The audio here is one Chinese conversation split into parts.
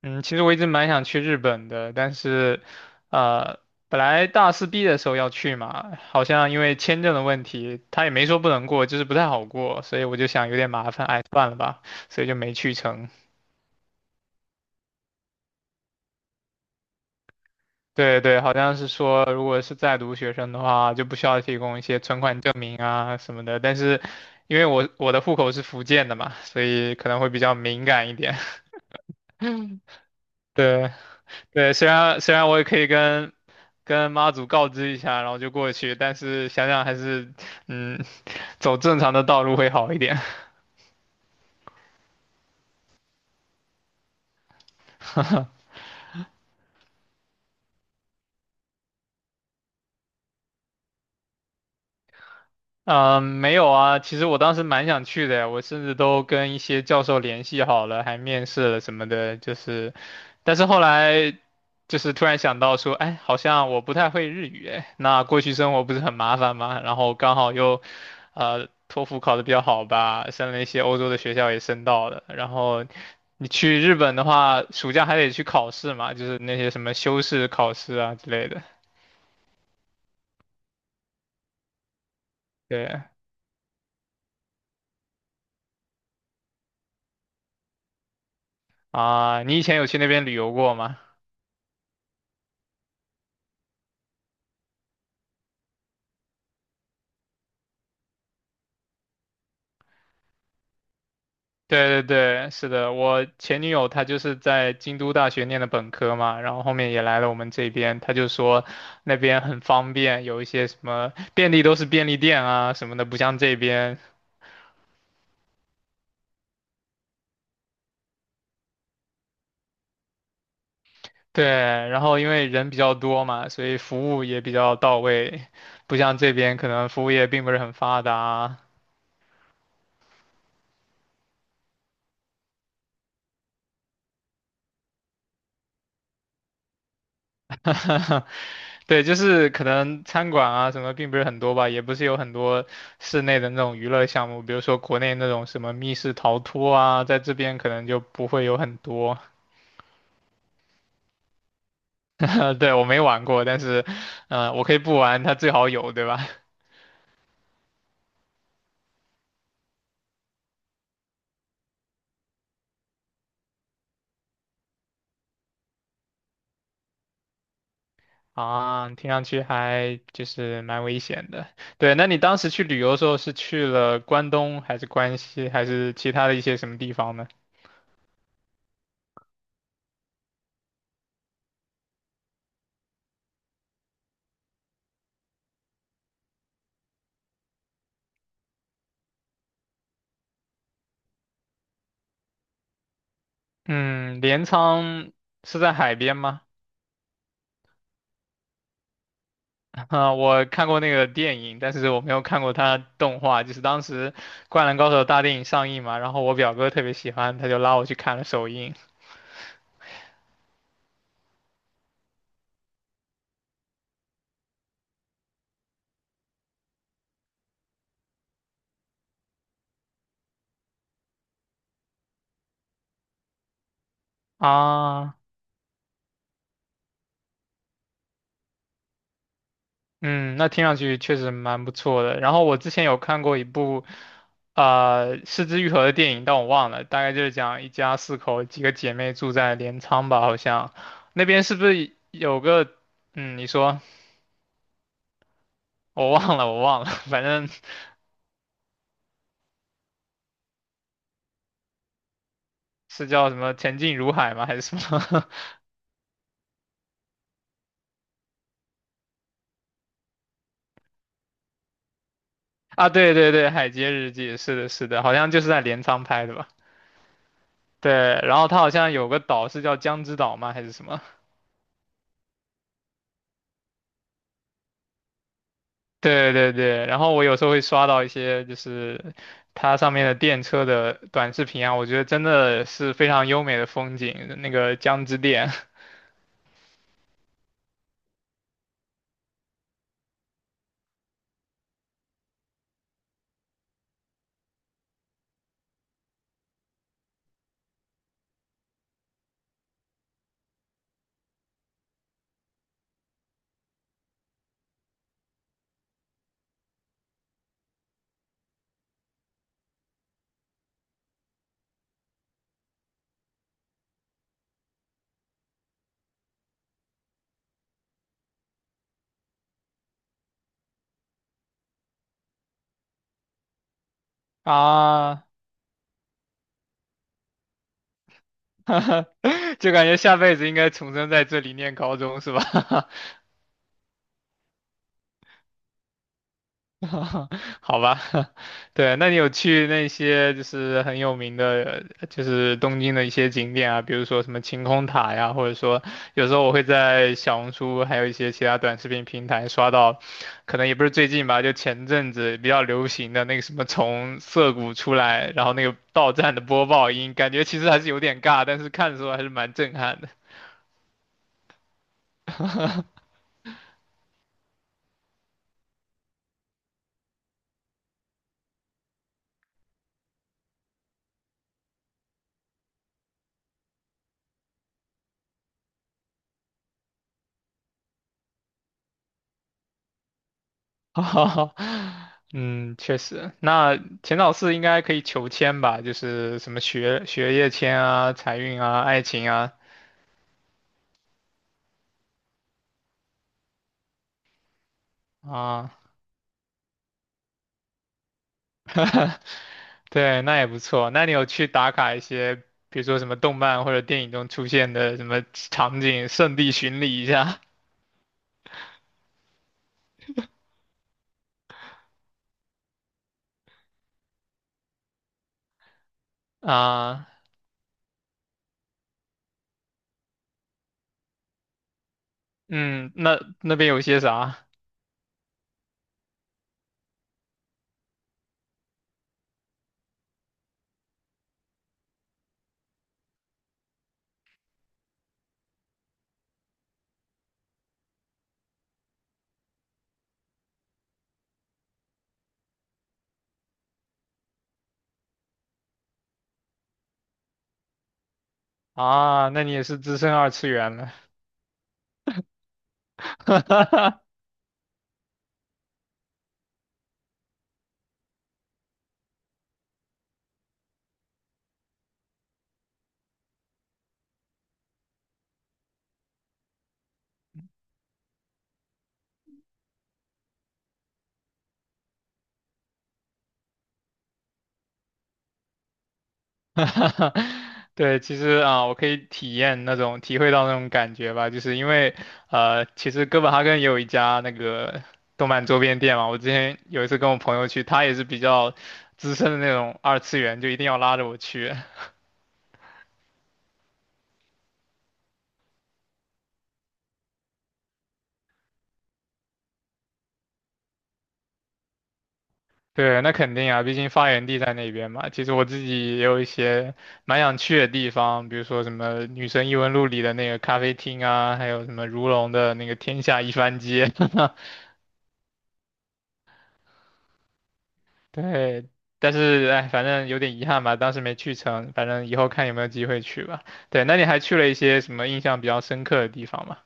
嗯，其实我一直蛮想去日本的，但是，呃，本来大四毕业的时候要去嘛，好像因为签证的问题，他也没说不能过，就是不太好过，所以我就想有点麻烦，哎，算了吧，所以就没去成。对对，好像是说，如果是在读学生的话，就不需要提供一些存款证明啊什么的，但是因为我的户口是福建的嘛，所以可能会比较敏感一点。对。对，虽然我也可以跟妈祖告知一下，然后就过去，但是想想还是，嗯，走正常的道路会好一点。嗯，没有啊，其实我当时蛮想去的呀，我甚至都跟一些教授联系好了，还面试了什么的，就是，但是后来就是突然想到说，哎，好像我不太会日语，哎，那过去生活不是很麻烦吗？然后刚好又，托福考得比较好吧，升了一些欧洲的学校也申到了，然后你去日本的话，暑假还得去考试嘛，就是那些什么修士考试啊之类的，对啊。啊，你以前有去那边旅游过吗？对对对，是的，我前女友她就是在京都大学念的本科嘛，然后后面也来了我们这边，她就说那边很方便，有一些什么便利都是便利店啊什么的，不像这边。对，然后因为人比较多嘛，所以服务也比较到位，不像这边可能服务业并不是很发达啊。对，就是可能餐馆啊什么并不是很多吧，也不是有很多室内的那种娱乐项目，比如说国内那种什么密室逃脱啊，在这边可能就不会有很多。对，我没玩过，但是，我可以不玩，它最好有，对吧？啊，听上去还就是蛮危险的。对，那你当时去旅游的时候是去了关东，还是关西，还是其他的一些什么地方呢？嗯，镰仓是在海边吗？啊、我看过那个电影，但是我没有看过它动画。就是当时《灌篮高手》大电影上映嘛，然后我表哥特别喜欢，他就拉我去看了首映。啊，嗯，那听上去确实蛮不错的。然后我之前有看过一部，啊《失之愈合的电影，但我忘了，大概就是讲一家四口，几个姐妹住在镰仓吧，好像那边是不是有个，嗯，你说我忘了，我忘了，反正是叫什么前进如海吗，还是什么？啊，对对对，《海街日记》是的，是的，好像就是在镰仓拍的吧？对，然后它好像有个岛是叫江之岛吗？还是什么？对对对，然后我有时候会刷到一些就是它上面的电车的短视频啊，我觉得真的是非常优美的风景，那个江之电 啊，就感觉下辈子应该重生在这里念高中是吧？好吧，对，那你有去那些就是很有名的，就是东京的一些景点啊，比如说什么晴空塔呀，或者说有时候我会在小红书还有一些其他短视频平台刷到，可能也不是最近吧，就前阵子比较流行的那个什么从涩谷出来，然后那个到站的播报音，感觉其实还是有点尬，但是看的时候还是蛮震撼的。哈哈哈，嗯，确实，那钱老师应该可以求签吧？就是什么学业签啊、财运啊、爱情啊啊，对，那也不错。那你有去打卡一些，比如说什么动漫或者电影中出现的什么场景，圣地巡礼一下 啊？嗯，那那边有些啥啊？那你也是资深二次元了，对，其实啊，我可以体验那种体会到那种感觉吧，就是因为其实哥本哈根也有一家那个动漫周边店嘛。我之前有一次跟我朋友去，他也是比较资深的那种二次元，就一定要拉着我去。对，那肯定啊，毕竟发源地在那边嘛。其实我自己也有一些蛮想去的地方，比如说什么《女神异闻录》里的那个咖啡厅啊，还有什么如龙的那个天下一番街。对，但是哎，反正有点遗憾吧，当时没去成，反正以后看有没有机会去吧。对，那你还去了一些什么印象比较深刻的地方吗？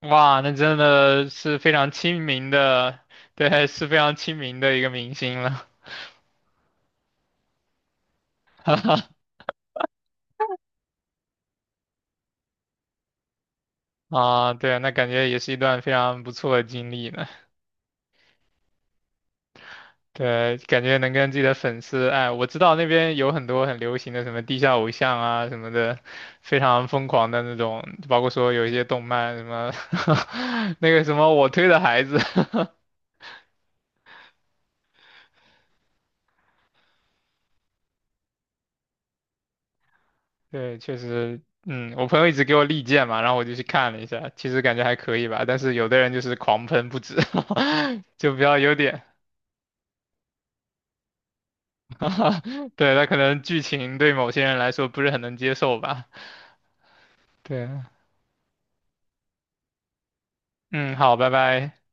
哇，那真的是非常亲民的，对，是非常亲民的一个明星了。啊，对，那感觉也是一段非常不错的经历呢。对，感觉能跟自己的粉丝，哎，我知道那边有很多很流行的什么地下偶像啊什么的，非常疯狂的那种，包括说有一些动漫什么，那个什么我推的孩子，对，确实，嗯，我朋友一直给我力荐嘛，然后我就去看了一下，其实感觉还可以吧，但是有的人就是狂喷不止，就比较有点，对，他可能剧情对某些人来说不是很能接受吧，对，嗯，好，拜拜。